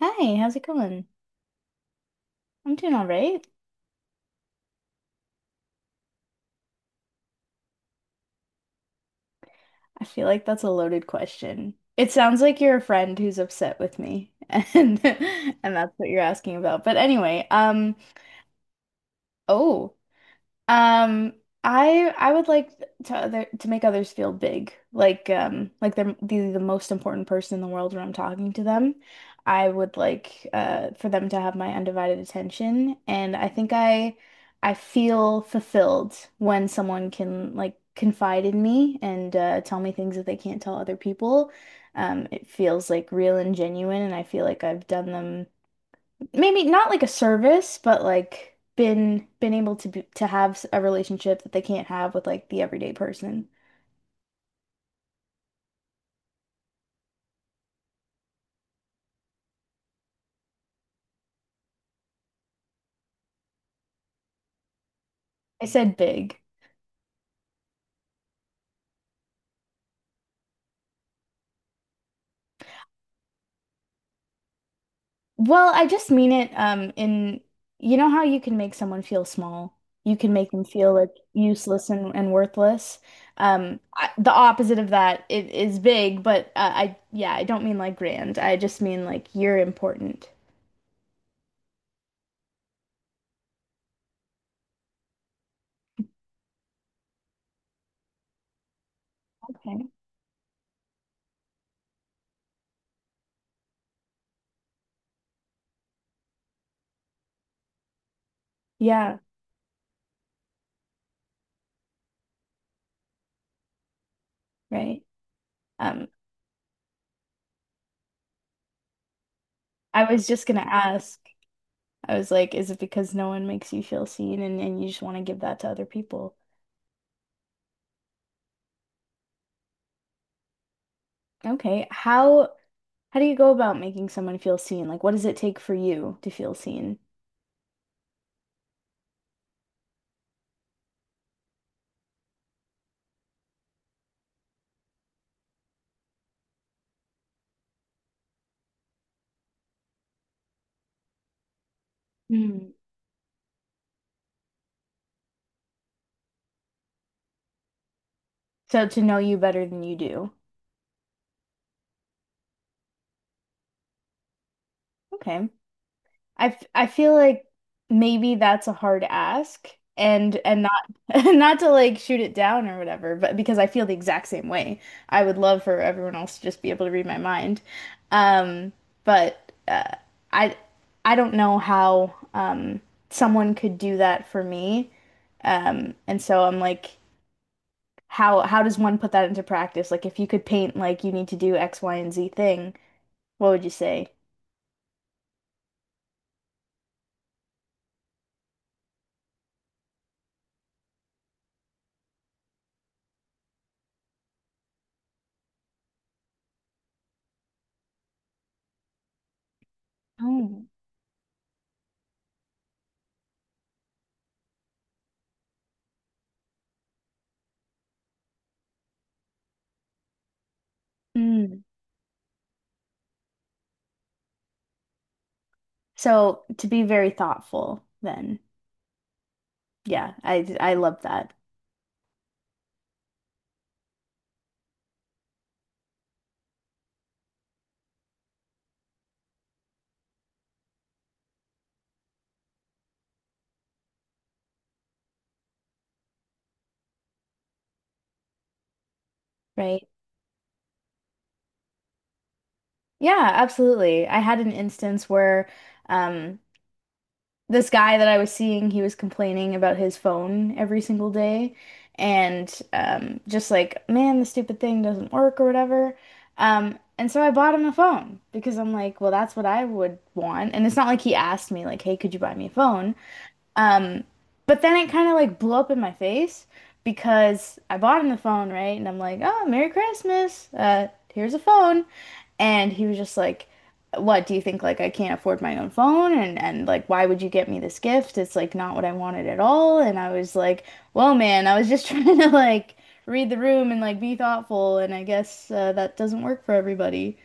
Hi, how's it going? I'm doing all right. I feel like that's a loaded question. It sounds like you're a friend who's upset with me, and and that's what you're asking about. But anyway, oh, Um, I would like to other to make others feel big, like they're the most important person in the world when I'm talking to them. I would like for them to have my undivided attention, and I think I feel fulfilled when someone can like confide in me and tell me things that they can't tell other people. It feels like real and genuine, and I feel like I've done them maybe not like a service, but like been able to be, to have a relationship that they can't have with like the everyday person. I said big. Well, I just mean it in you know how you can make someone feel small. You can make them feel like useless and worthless. The opposite of that is big, but I yeah, I don't mean like grand. I just mean like you're important. Okay. Yeah, right. Um, I was just gonna ask. I was like, is it because no one makes you feel seen and you just want to give that to other people? Okay. How do you go about making someone feel seen? Like, what does it take for you to feel seen? Hmm. So to know you better than you do. Okay. I feel like maybe that's a hard ask and not not to like shoot it down or whatever, but because I feel the exact same way. I would love for everyone else to just be able to read my mind. Um, but I I don't know how someone could do that for me. And so I'm like how does one put that into practice? Like if you could paint like you need to do X, Y, and Z thing, what would you say? Oh. So to be very thoughtful, then yeah, I love that. Right. Yeah, absolutely. I had an instance where um, this guy that I was seeing, he was complaining about his phone every single day and just like, man, the stupid thing doesn't work or whatever. And so I bought him a phone because I'm like, well, that's what I would want. And it's not like he asked me, like, hey, could you buy me a phone? Um, but then it kind of like blew up in my face because I bought him the phone, right? And I'm like, oh, Merry Christmas. Here's a phone. And he was just like, what do you think? Like, I can't afford my own phone. And like, why would you get me this gift? It's like not what I wanted at all. And I was like, well, man, I was just trying to like read the room and like be thoughtful. And I guess that doesn't work for everybody.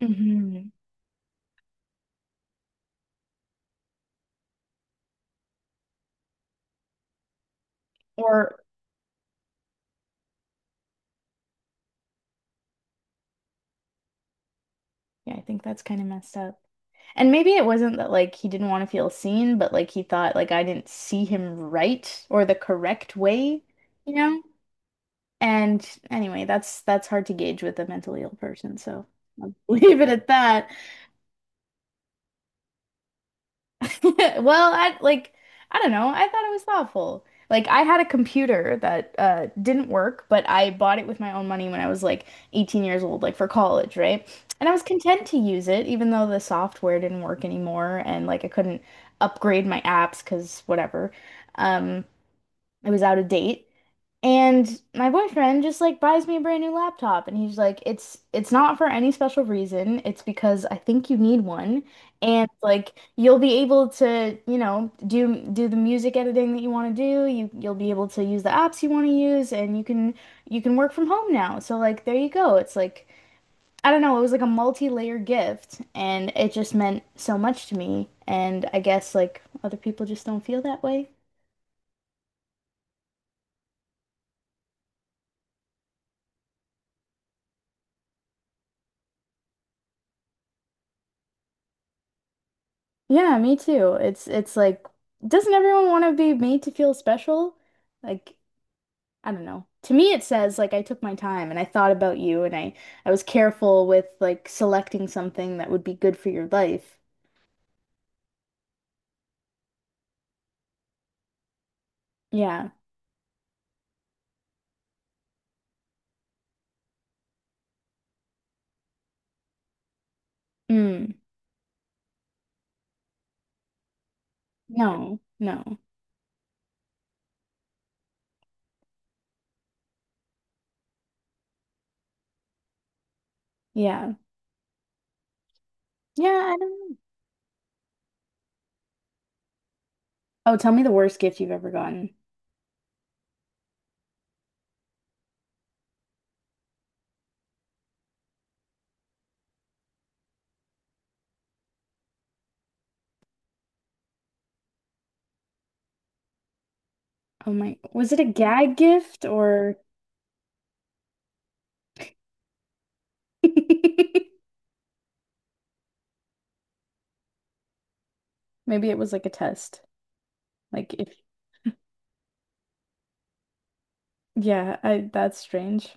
Hmm. Or, yeah, I think that's kind of messed up. And maybe it wasn't that like he didn't want to feel seen, but like he thought like I didn't see him right or the correct way, you know? And anyway, that's hard to gauge with a mentally ill person, so I'll leave it at that. Well, I like I don't know. I thought it was thoughtful. Like I had a computer that didn't work, but I bought it with my own money when I was like 18 years old, like for college, right? And I was content to use it even though the software didn't work anymore and like I couldn't upgrade my apps 'cause whatever. Um it was out of date. And my boyfriend just like buys me a brand new laptop and he's like it's not for any special reason. It's because I think you need one and like you'll be able to, you know, do the music editing that you want to do. You'll be able to use the apps you want to use and you can work from home now. So like there you go. It's like I don't know, it was like a multi-layer gift and it just meant so much to me and I guess like other people just don't feel that way. Yeah, me too. It's like, doesn't everyone want to be made to feel special? Like, I don't know. To me, it says like I took my time and I thought about you and I was careful with like selecting something that would be good for your life. Yeah. Mm. No. No. Yeah. Yeah, I don't know. Oh, tell me the worst gift you've ever gotten. Oh my, was it a gag gift or maybe it was like a test? Like if yeah, I that's strange.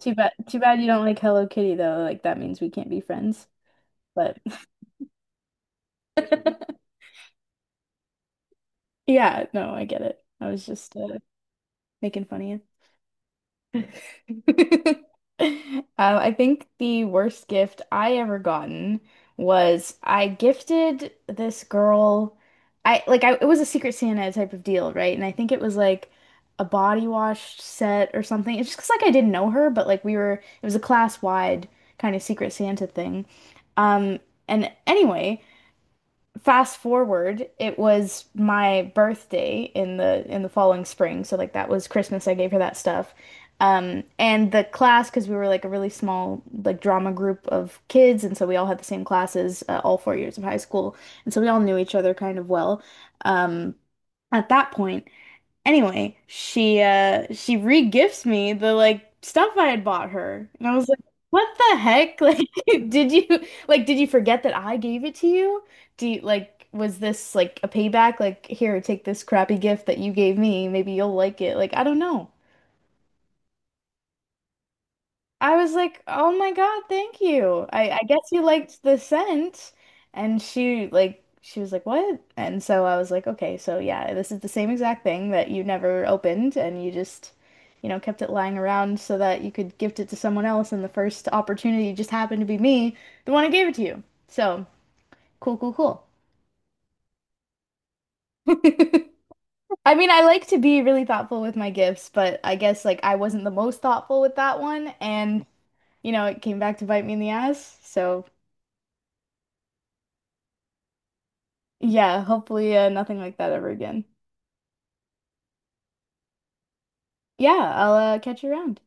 Too bad you don't like Hello Kitty though. Like that means we can't be friends. But yeah, no, I get it. I was just making fun of you. I think the worst gift I ever gotten was I gifted this girl. I like I it was a Secret Santa type of deal, right? And I think it was like a body wash set or something. It's just 'cause, like I didn't know her, but like we were it was a class wide kind of Secret Santa thing. Um, and anyway, fast forward, it was my birthday in the following spring, so like that was Christmas. I gave her that stuff. And the class, because we were like a really small like drama group of kids, and so we all had the same classes all 4 years of high school, and so we all knew each other kind of well. Um, at that point. Anyway, she re-gifts me the like stuff I had bought her. And I was like, "What the heck? Did you like did you forget that I gave it to you? Do you like was this like a payback? Like here, take this crappy gift that you gave me. Maybe you'll like it." Like I don't know. I was like, "Oh my God, thank you. I guess you liked the scent." And she was like, "What?" And so I was like, "Okay, so yeah, this is the same exact thing that you never opened and you just, you know, kept it lying around so that you could gift it to someone else and the first opportunity just happened to be me, the one who gave it to you." So, cool, cool, cool. I mean, I like to be really thoughtful with my gifts, but I guess like I wasn't the most thoughtful with that one and you know, it came back to bite me in the ass. So yeah, hopefully nothing like that ever again. Yeah, I'll catch you around.